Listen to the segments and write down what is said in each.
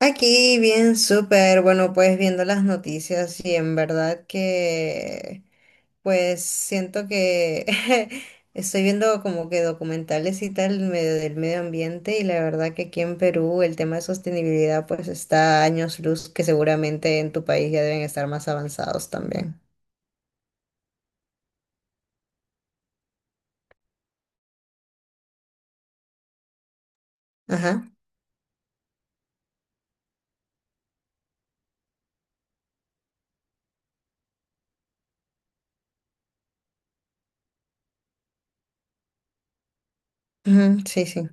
Aquí bien, súper. Bueno, pues viendo las noticias y en verdad que, pues siento que estoy viendo como que documentales y tal medio del medio ambiente y la verdad que aquí en Perú el tema de sostenibilidad pues está a años luz que seguramente en tu país ya deben estar más avanzados también. Ajá. Ujú, sí, sí.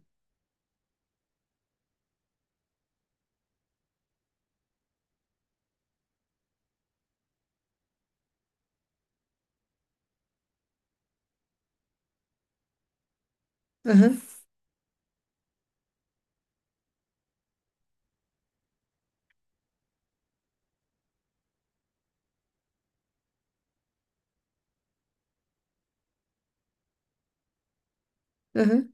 Ujú, ujú,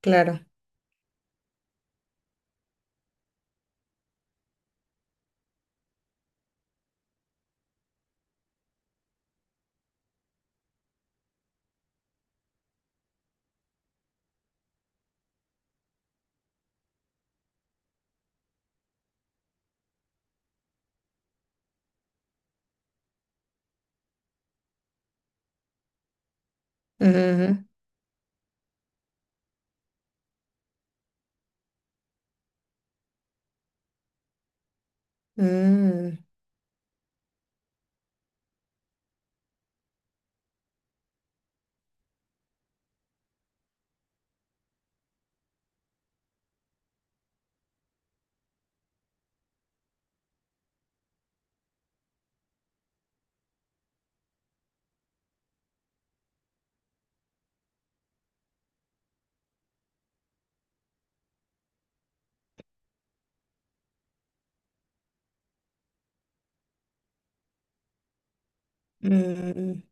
claro. Ujú, ujú. Mm, mm. Mm.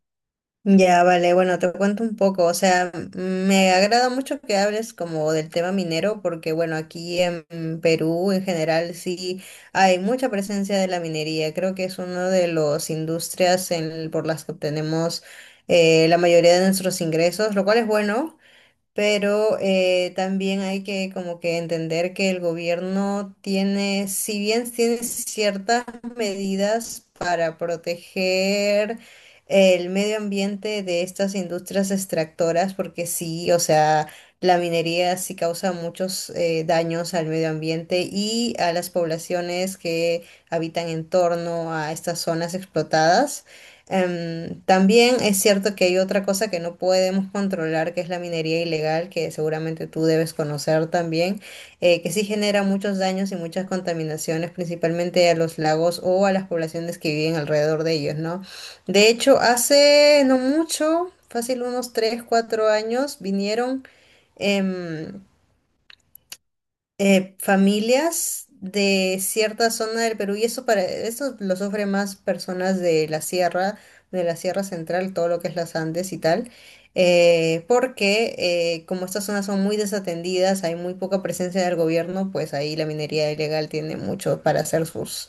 Ya, vale, bueno, te cuento un poco, o sea, me agrada mucho que hables como del tema minero, porque bueno, aquí en Perú en general sí hay mucha presencia de la minería, creo que es una de las industrias en- por las que obtenemos la mayoría de nuestros ingresos, lo cual es bueno, pero también hay que como que entender que el gobierno tiene, si bien tiene ciertas medidas para proteger el medio ambiente de estas industrias extractoras, porque sí, o sea, la minería sí causa muchos daños al medio ambiente y a las poblaciones que habitan en torno a estas zonas explotadas. También es cierto que hay otra cosa que no podemos controlar, que es la minería ilegal, que seguramente tú debes conocer también, que sí genera muchos daños y muchas contaminaciones, principalmente a los lagos o a las poblaciones que viven alrededor de ellos, ¿no? De hecho, hace no mucho, fácil unos 3 4 años, vinieron... em, familias de cierta zona del Perú, y eso para, eso lo sufren más personas de la sierra central, todo lo que es las Andes y tal, porque como estas zonas son muy desatendidas, hay muy poca presencia del gobierno, pues ahí la minería ilegal tiene mucho para hacer sus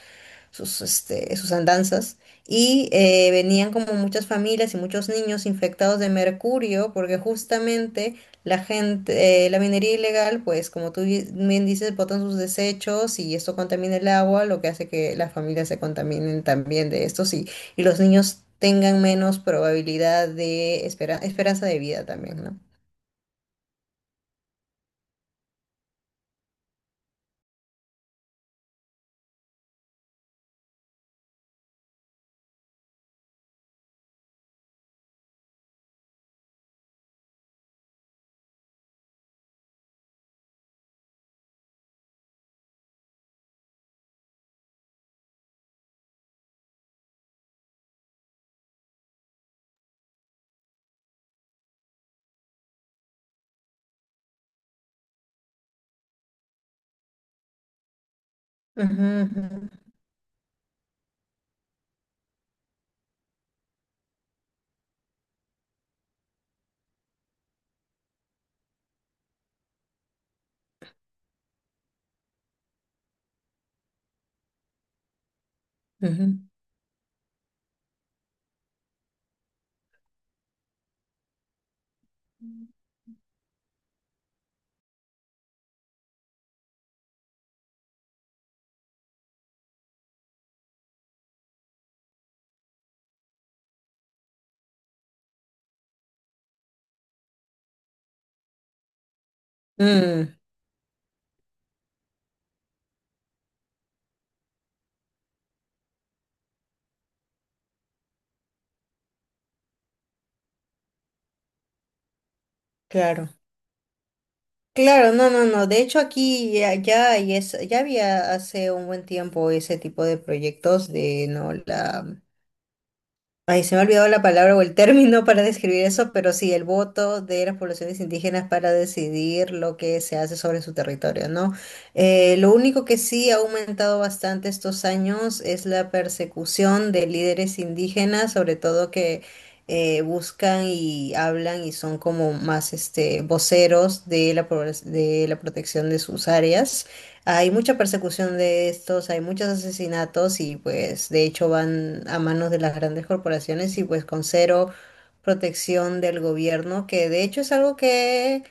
este, sus andanzas. Y venían como muchas familias y muchos niños infectados de mercurio, porque justamente la gente, la minería ilegal, pues como tú bien dices, botan sus desechos y esto contamina el agua, lo que hace que las familias se contaminen también de esto, sí, y los niños tengan menos probabilidad de esperanza de vida también, ¿no? Ujú, ujú, ujú. Mm, claro. Claro, no, no, no. De hecho, aquí ya, hay ya había hace un buen tiempo ese tipo de proyectos de no la... Ay, se me ha olvidado la palabra o el término para describir eso, pero sí, el voto de las poblaciones indígenas para decidir lo que se hace sobre su territorio, ¿no? Lo único que sí ha aumentado bastante estos años es la persecución de líderes indígenas, sobre todo que buscan y hablan y son como más este, voceros de la, de la protección de sus áreas. Hay mucha persecución de estos, hay muchos asesinatos y pues de hecho van a manos de las grandes corporaciones y pues con cero protección del gobierno, que de hecho es algo que...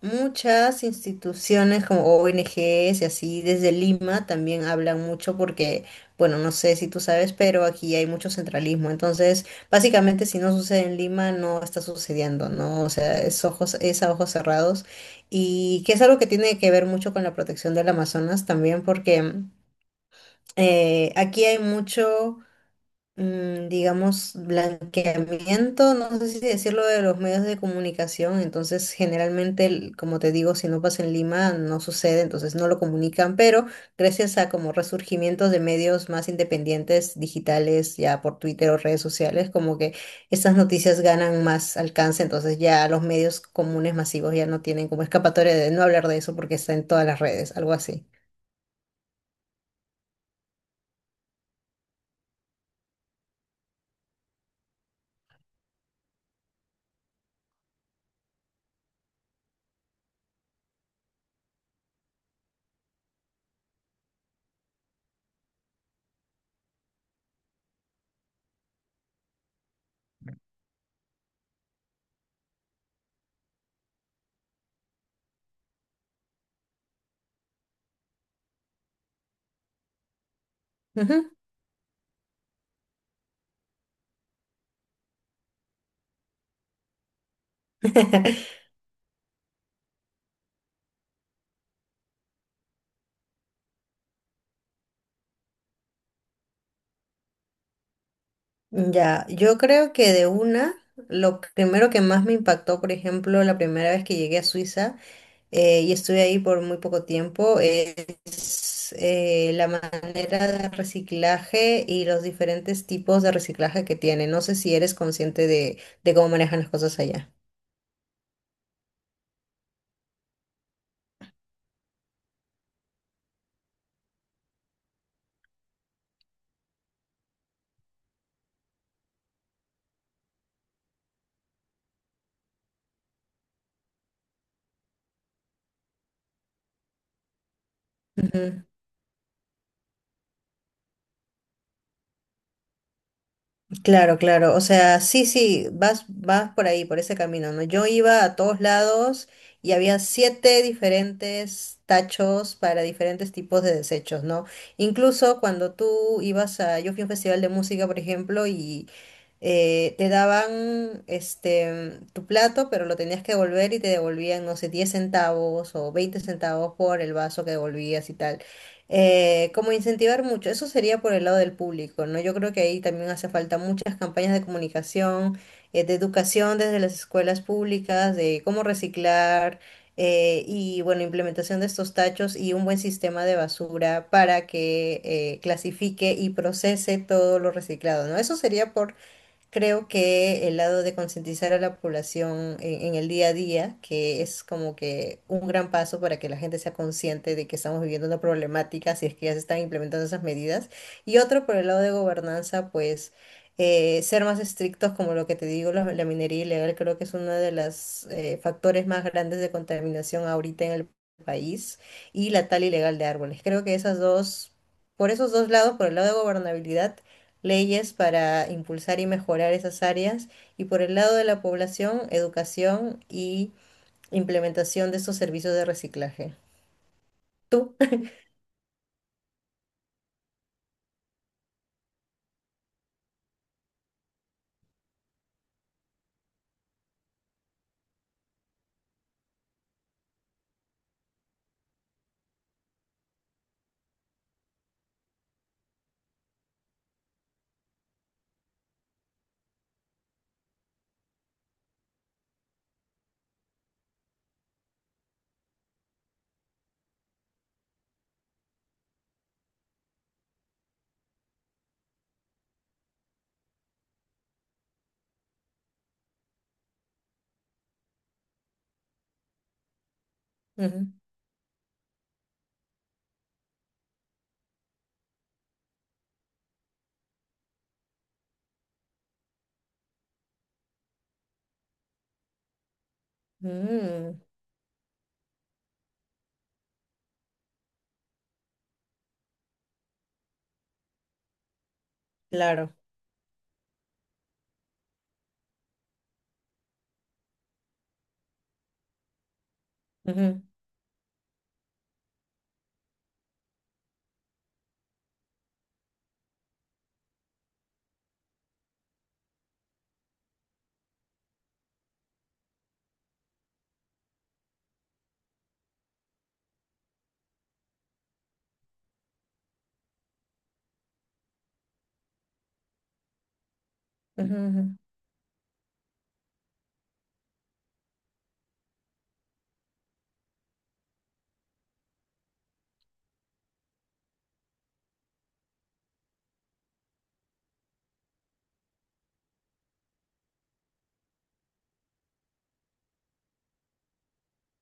Muchas instituciones como ONGs y así desde Lima también hablan mucho porque, bueno, no sé si tú sabes, pero aquí hay mucho centralismo. Entonces, básicamente si no sucede en Lima, no está sucediendo, ¿no? O sea, es ojos, es a ojos cerrados y que es algo que tiene que ver mucho con la protección del Amazonas también porque aquí hay mucho digamos, blanqueamiento, no sé si decirlo de los medios de comunicación, entonces generalmente, el- como te digo, si no pasa en Lima, no sucede, entonces no lo comunican, pero gracias a como resurgimientos de medios más independientes, digitales, ya por Twitter o redes sociales, como que estas noticias ganan más alcance, entonces ya los medios comunes masivos ya no tienen como escapatoria de no hablar de eso porque está en todas las redes, algo así. Ujú. Ya, yo creo que de una, lo primero que más me impactó, por ejemplo, la primera vez que llegué a Suiza y estuve ahí por muy poco tiempo, es la manera de reciclaje y los diferentes tipos de reciclaje que tiene. No sé si eres consciente de cómo manejan las cosas allá. Claro, claro. O sea, sí, sí, vas por ahí, por ese camino, ¿no? Yo iba a todos lados y había siete diferentes tachos para diferentes tipos de desechos, ¿no? Incluso cuando tú ibas a, yo fui a un festival de música, por ejemplo, y te daban este tu plato, pero lo tenías que devolver y te devolvían, no sé, 10 centavos o 20 centavos por el vaso que devolvías y tal. Como incentivar mucho, eso sería por el lado del público, ¿no? Yo creo que ahí también hace falta muchas campañas de comunicación, de educación desde las escuelas públicas, de cómo reciclar y, bueno, implementación de estos tachos y un buen sistema de basura para que clasifique y procese todo lo reciclado, ¿no? Eso sería por... Creo que el lado de concientizar a la población en el día a día, que es como que un gran paso para que la gente sea consciente de que estamos viviendo una problemática, si es que ya se están implementando esas medidas. Y otro, por el lado de gobernanza, pues ser más estrictos, como lo que te digo, la, minería ilegal creo que es uno de los factores más grandes de contaminación ahorita en el país, y la tala ilegal de árboles. Creo que esas dos, por esos dos lados, por el lado de gobernabilidad, leyes para impulsar y mejorar esas áreas y por el lado de la población, educación y implementación de estos servicios de reciclaje. Tú. Ujú. Mm, claro. Ujú, ujú, ujú,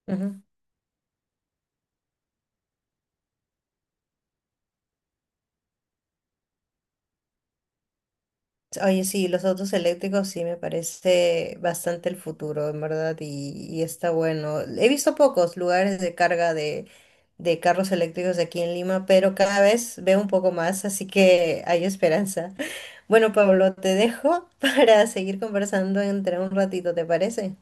ujú. Oye, sí, los autos eléctricos sí me parece bastante el futuro, en verdad, y está bueno. He visto pocos lugares de carga de carros eléctricos aquí en Lima, pero cada vez veo un poco más, así que hay esperanza. Bueno, Pablo, te dejo para seguir conversando entre un ratito, ¿te parece?